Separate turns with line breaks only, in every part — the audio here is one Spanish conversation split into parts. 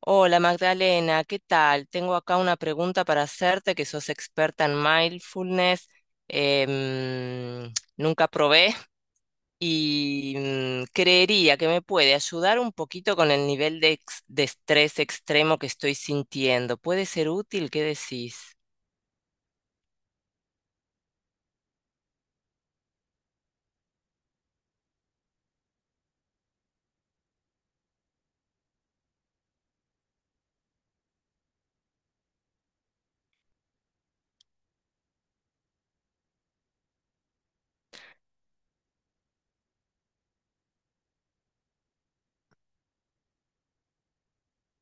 Hola Magdalena, ¿qué tal? Tengo acá una pregunta para hacerte, que sos experta en mindfulness. Nunca probé y creería que me puede ayudar un poquito con el nivel de estrés extremo que estoy sintiendo. ¿Puede ser útil? ¿Qué decís?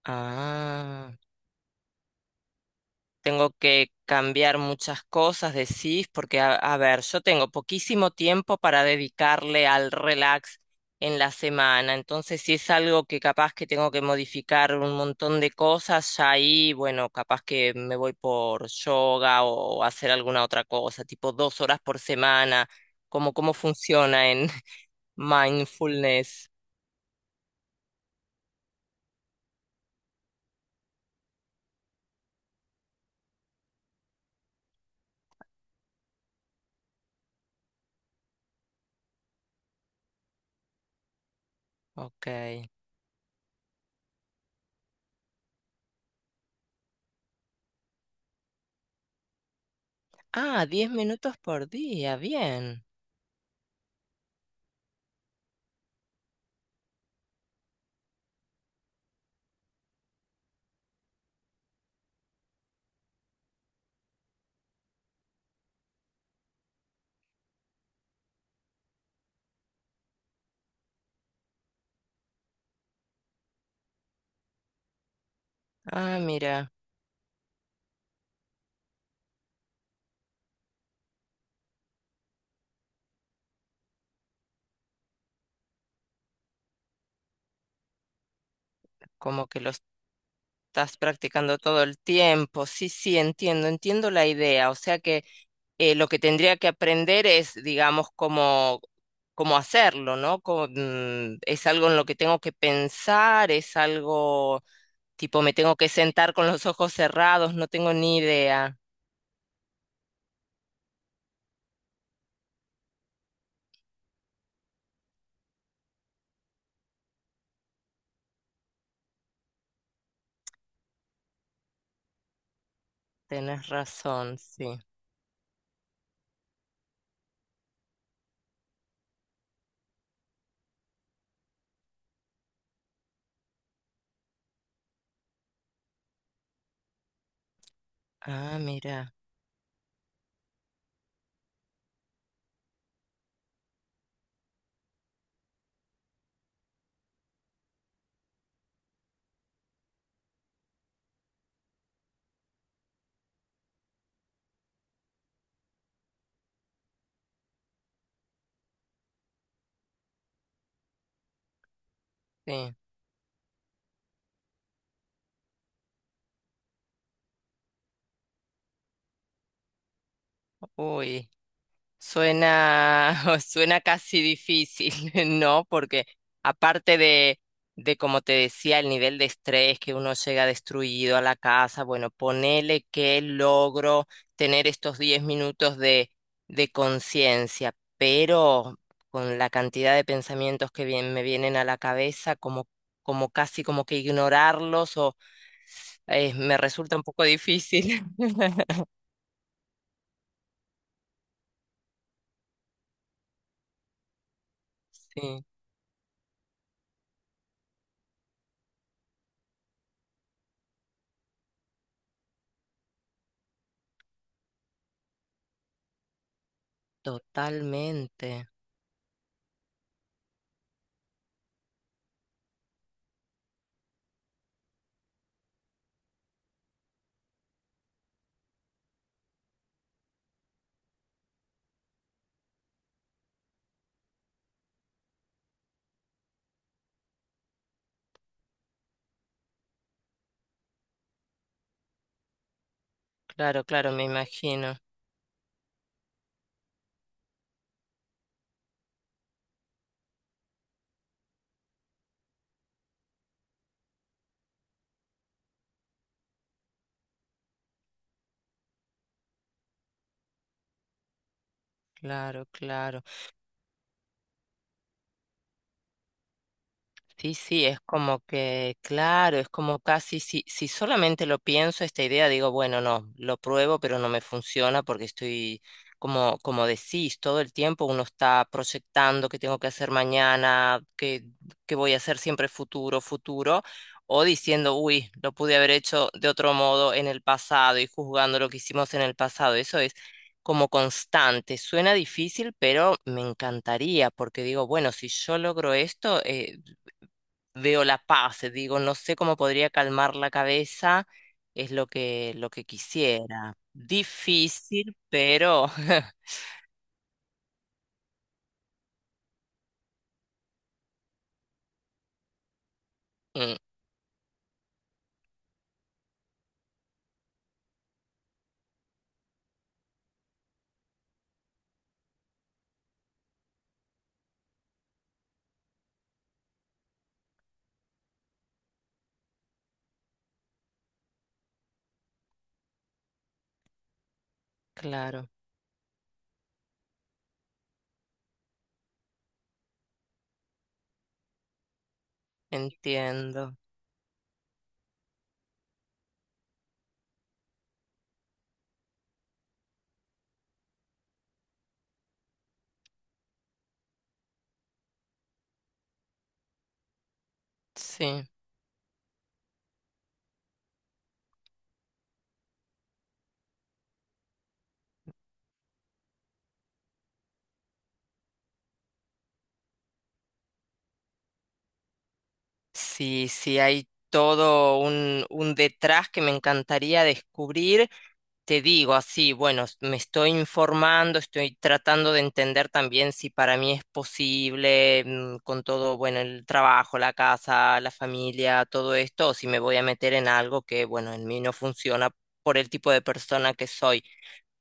Ah. Tengo que cambiar muchas cosas, decís, porque a ver, yo tengo poquísimo tiempo para dedicarle al relax en la semana, entonces si es algo que capaz que tengo que modificar un montón de cosas, ya ahí, bueno, capaz que me voy por yoga o hacer alguna otra cosa, tipo 2 horas por semana, como cómo funciona en mindfulness. Ok. Ah, 10 minutos por día, bien. Ah, mira, como que los estás practicando todo el tiempo. Sí, sí, entiendo, entiendo la idea. O sea que lo que tendría que aprender es, digamos, cómo hacerlo, ¿no? Cómo, es algo en lo que tengo que pensar, es algo tipo me tengo que sentar con los ojos cerrados, no tengo ni idea. Tenés razón, sí. Ah, mira, sí. Uy. Suena, suena casi difícil, ¿no? Porque aparte de, como te decía, el nivel de estrés que uno llega destruido a la casa, bueno, ponele que logro tener estos 10 minutos de conciencia, pero con la cantidad de pensamientos que me vienen a la cabeza, como casi como que ignorarlos o me resulta un poco difícil. Sí, totalmente. Claro, claro, me imagino. Claro, claro. Sí, sí, es como que, claro, es como casi si solamente lo pienso, esta idea, digo, bueno, no, lo pruebo, pero no me funciona porque estoy, como decís, todo el tiempo uno está proyectando qué tengo que hacer mañana, qué voy a hacer siempre futuro, futuro, o diciendo, uy, lo pude haber hecho de otro modo en el pasado y juzgando lo que hicimos en el pasado. Eso como constante. Suena difícil, pero me encantaría, porque digo, bueno, si yo logro esto, veo la paz, digo, no sé cómo podría calmar la cabeza, es lo que quisiera. Difícil, pero. Mm, claro, entiendo. Sí. Sí, sí, hay todo un detrás que me encantaría descubrir. Te digo así, bueno, me estoy informando, estoy tratando de entender también si para mí es posible, con todo, bueno, el trabajo, la casa, la familia, todo esto, o si me voy a meter en algo que, bueno, en mí no funciona por el tipo de persona que soy.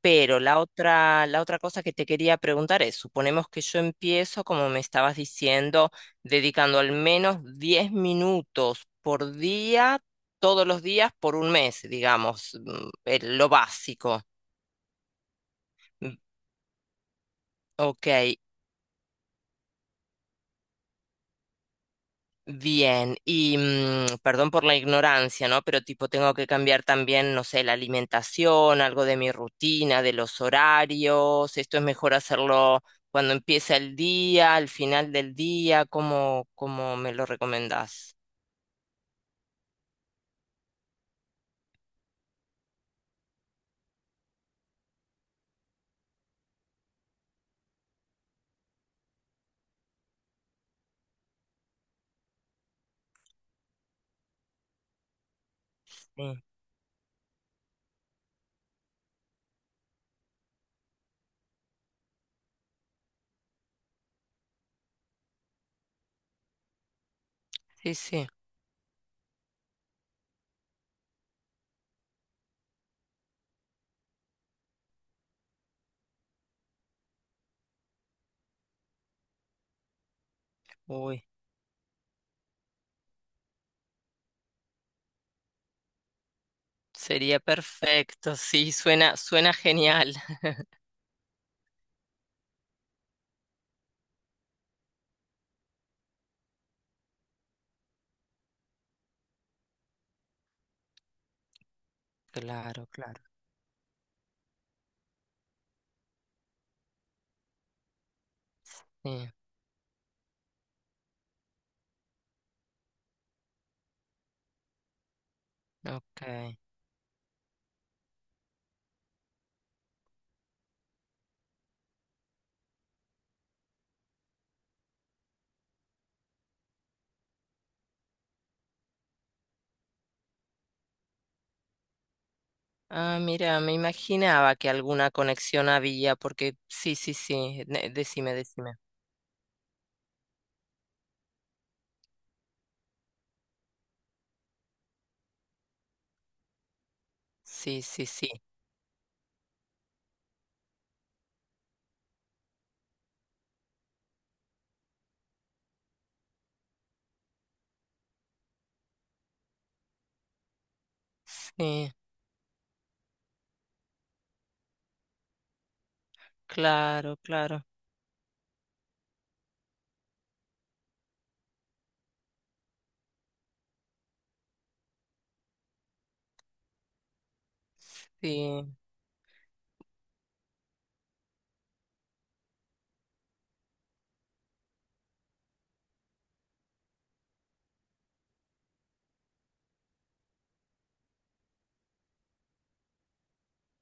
Pero la otra cosa que te quería preguntar es, suponemos que yo empiezo, como me estabas diciendo, dedicando al menos 10 minutos por día, todos los días por un mes, digamos, lo básico. Mm, ok, bien. Y perdón por la ignorancia, ¿no? Pero tipo, tengo que cambiar también, no sé, la alimentación, algo de mi rutina, de los horarios. Esto es mejor hacerlo cuando empieza el día, al final del día, ¿cómo me lo recomendás? Sí, sí, sí. Uy. Sería perfecto, sí, suena genial. Claro, claro. Sí, ok. Ah, mira, me imaginaba que alguna conexión había, porque sí, sí, sí, decime, decime. Sí, sí, sí. Sí, claro, claro. Sí.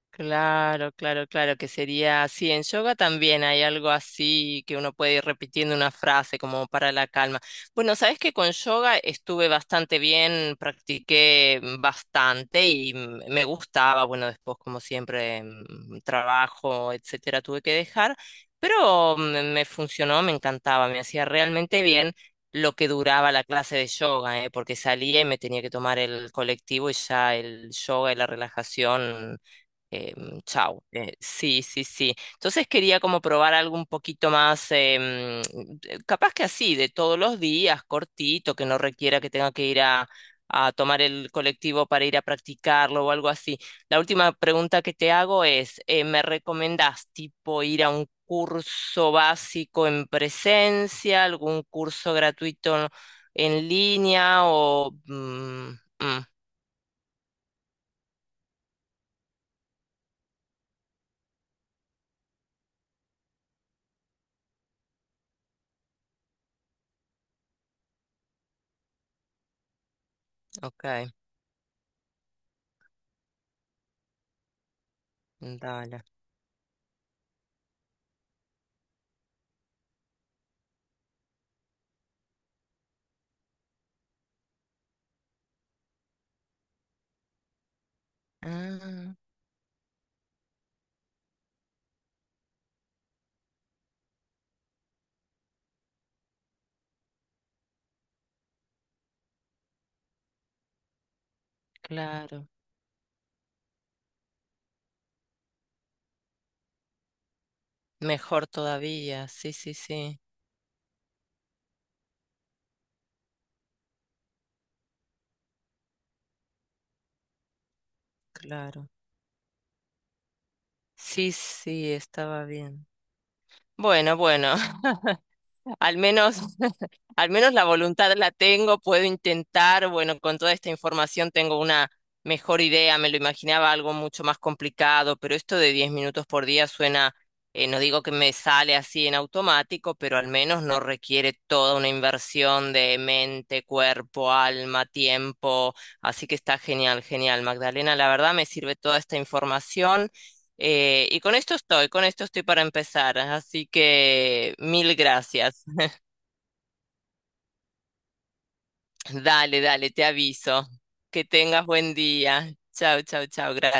Claro, claro, claro, que sería así. En yoga también hay algo así que uno puede ir repitiendo una frase como para la calma. Bueno, sabes que con yoga estuve bastante bien, practiqué bastante y me gustaba. Bueno, después, como siempre, trabajo, etcétera, tuve que dejar, pero me funcionó, me encantaba, me hacía realmente bien. Lo que duraba la clase de yoga, ¿eh? Porque salía y me tenía que tomar el colectivo y ya el yoga y la relajación. Chau. Sí, sí, sí. Entonces quería como probar algo un poquito más, capaz que así, de todos los días, cortito, que no requiera que tenga que ir a tomar el colectivo para ir a practicarlo o algo así. La última pregunta que te hago es, ¿me recomendás tipo ir a un curso básico en presencia, algún curso gratuito en línea o? Mm, mm, ok, dale. Ah, claro. Mejor todavía, sí, sí, sí, claro. Sí, sí, estaba bien. Bueno, bueno. Al menos, al menos la voluntad la tengo, puedo intentar, bueno, con toda esta información tengo una mejor idea, me lo imaginaba algo mucho más complicado, pero esto de 10 minutos por día suena, no digo que me sale así en automático, pero al menos no requiere toda una inversión de mente, cuerpo, alma, tiempo, así que está genial, genial, Magdalena, la verdad me sirve toda esta información. Y con esto estoy para empezar, así que mil gracias. Dale, dale, te aviso. Que tengas buen día. Chao, chao, chao. Gracias.